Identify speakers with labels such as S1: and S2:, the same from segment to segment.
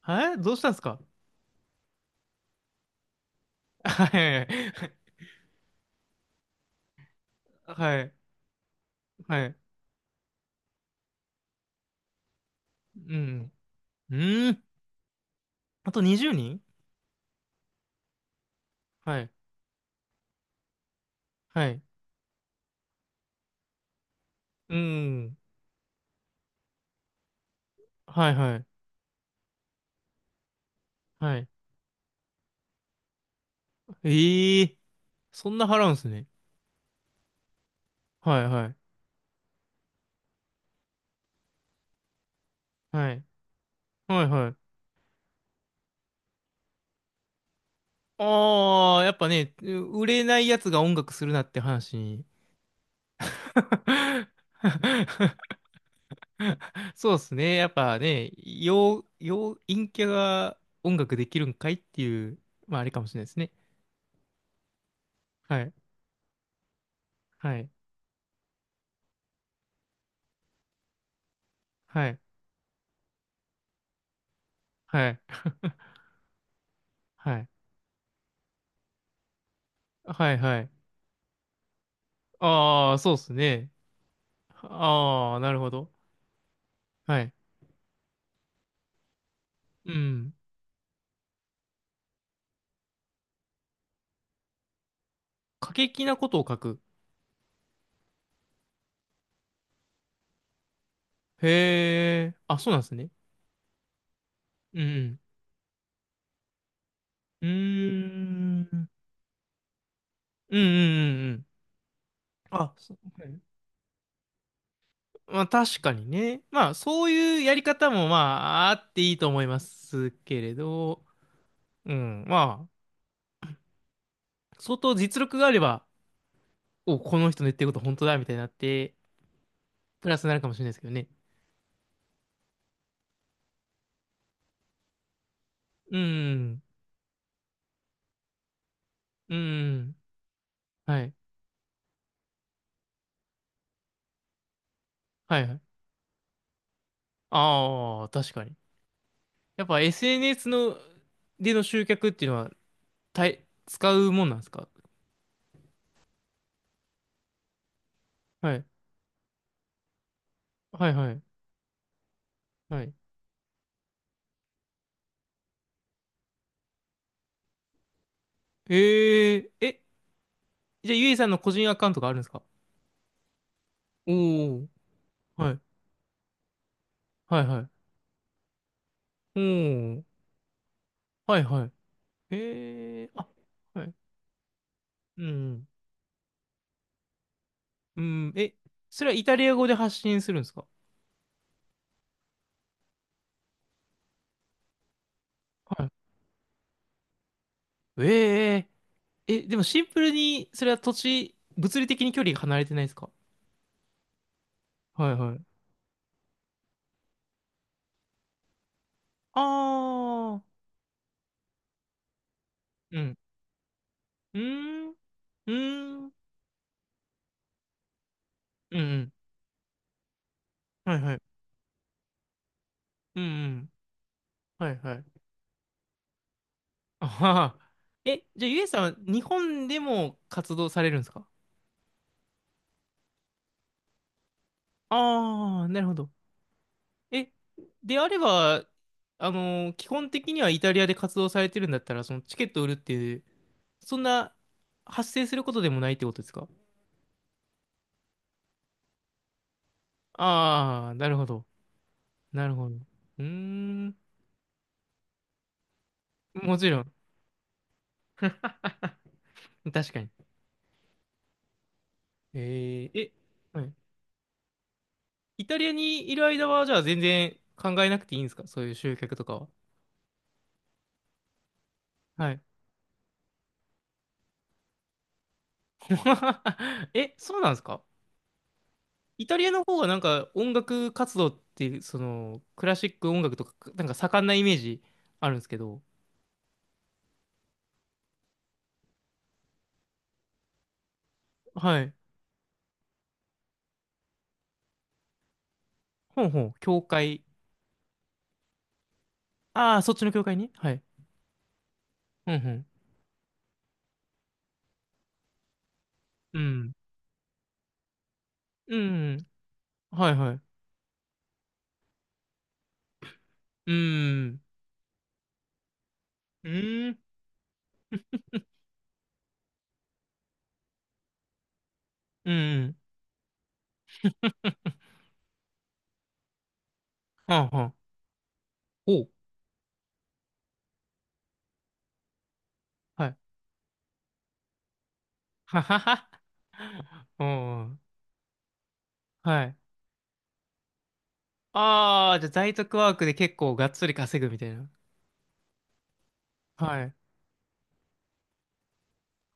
S1: はい、どうしたんですか？はい。はい。はい。うん。うーん。あと20人。はい。はい。うん。はい、はい。はい。ええ、そんな払うんすね。はい、はい。はい。はい、はい。ああ、やっぱね、売れないやつが音楽するなって話に。そうですね。やっぱね、陰キャが音楽できるんかいっていう、まああれかもしれないですね。はい。はい。はい、はい、はい、はい、はい。ああ、そうっすね。ああ、なるほど。はい。うん。過激なことを書く。へえ。あ、そうなんですね。うん。うん。うーん。うん、うん、うんうん。あ、そう、はい。まあ確かにね。まあそういうやり方もまああっていいと思いますけれど、うん。まあ、相当実力があれば、お、この人の言ってること本当だみたいになって、プラスになるかもしれないですけどね。うん。うん。はい。はいはい。ああ、確かに。やっぱ SNS の、での集客っていうのは、使うもんなんですか？はい。はいはい。はい。ええー、え、じゃあゆいさんの個人アカウントがあるんですか？おおー。はい。はいはい。おお。はいはい。ええー、あ、はい。うん。うん。え、それはイタリア語で発信するんですか？はい。ええー、え、でもシンプルに、それは土地、物理的に距離が離れてないですか？はいはい。ああ。うん。うーん。うーん。うんうん。はいはい。うんうん。はいはい。あはは。え、じゃあ、ゆえさんは日本でも活動されるんですか？ああー、なるほど。え、であれば、あのー基本的にはイタリアで活動されてるんだったら、そのチケット売るっていう、そんな発生することでもないってことですか？ああー、なるほど。なるほど。うーん。もちろん。確かに。えー、え、はい。イタリアにいる間は、じゃあ全然考えなくていいんですか、そういう集客とかは？はい。え、そうなんですか？イタリアの方がなんか音楽活動っていう、その、クラシック音楽とか、なんか盛んなイメージあるんですけど。はい。ほんほん、教会。ああ、そっちの教会に、はい。ほんほん。うん。うん。はいはい。うん。うん。うん。はんはん。おう。はい。ははは。うん。はい。ああ、じゃあ在宅ワークで結構がっつり稼ぐみたいな。はい。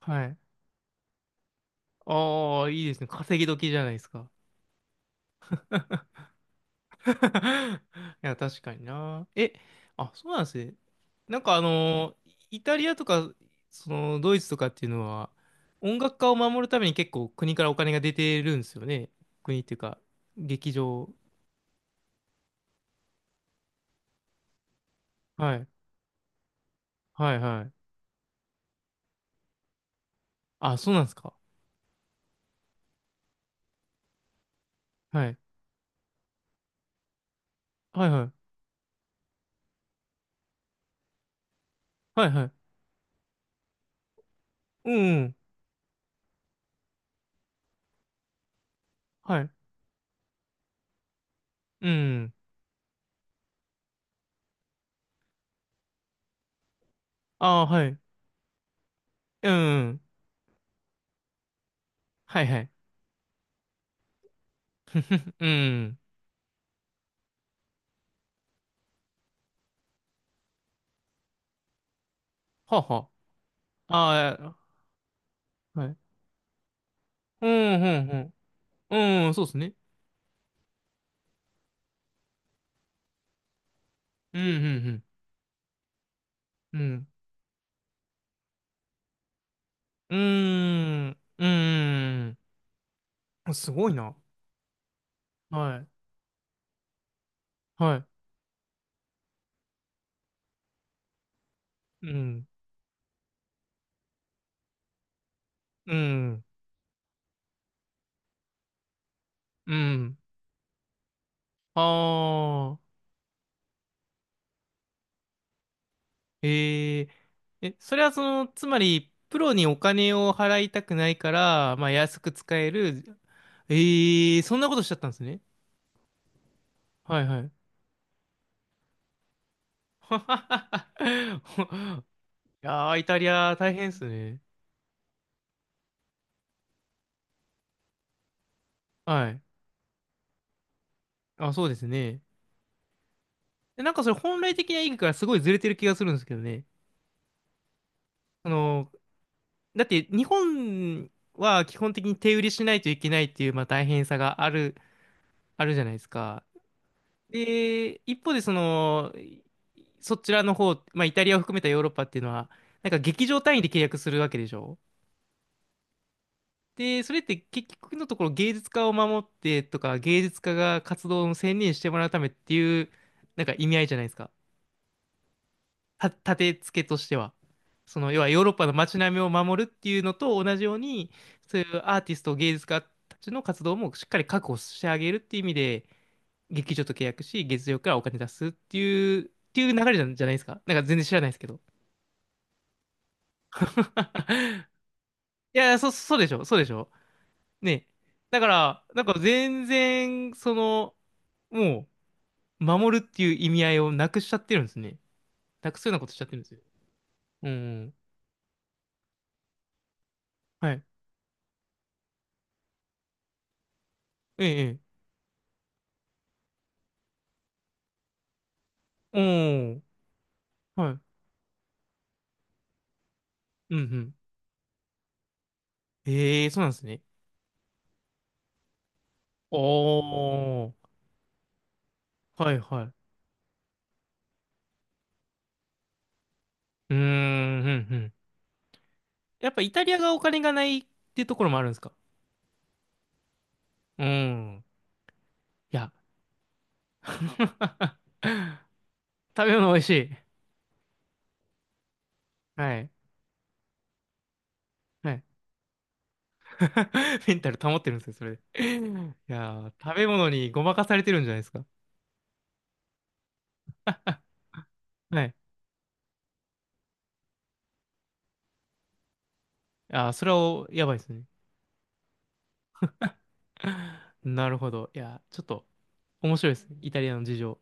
S1: はい。ああ、いいですね。稼ぎ時じゃないですか。いや、確かにな。え、あ、そうなんですね。なんかあのー、イタリアとか、その、ドイツとかっていうのは、音楽家を守るために結構国からお金が出てるんですよね。国っていうか、劇場。はい。はい、はい。あ、そうなんですか。はい。はい、はい。はい、はい。うん、うん。はい。うんうん。ああ、はい。うん、うん。はいはい、うん。はあはあ。ああ、はい。うん、うん、うん。うん、そうですね。うん、うん、うん。うん。うーん。うーん。すごいな。はい。はい。うん。うん。うん。ああ。ええ。え、それはその、つまり、プロにお金を払いたくないから、まあ、安く使える。ええ、そんなことしちゃったんですね。はい、はい。いやー、イタリア大変ですね。はい。あ、そうですね。でなんかそれ本来的な意義からすごいずれてる気がするんですけどね。あの、だって日本は基本的に手売りしないといけないっていう、まあ、大変さがある、あるじゃないですか。で、一方でその、そちらの方、まあ、イタリアを含めたヨーロッパっていうのは、なんか劇場単位で契約するわけでしょ。で、それって結局のところ芸術家を守ってとか、芸術家が活動を専念してもらうためっていう、なんか意味合いじゃないですか。立て付けとしては。その、要はヨーロッパの街並みを守るっていうのと同じように、そういうアーティスト、芸術家たちの活動もしっかり確保してあげるっていう意味で、劇場と契約し、月曜からお金出すっていう、流れじゃないですか。なんか全然知らないですけど。いや、そうでしょ、そうでしょ。ね。だから、なんか全然、その、もう、守るっていう意味合いをなくしちゃってるんですね。なくすようなことしちゃってるんですよ。うん。はい。ええ、ええ。うん。はい。うんうん。ええ、そうなんですね。おー。はいはい。うーん、うんうん。やっぱイタリアがお金がないっていうところもあるんですか？うん。いや。食べ物美味しい。はい。はい。メンタル保ってるんですよ、それで。いやー、食べ物にごまかされてるんじゃないですか。はい。あー、それはやばいですね。なるほど。いやー、ちょっと面白いですね。イタリアの事情。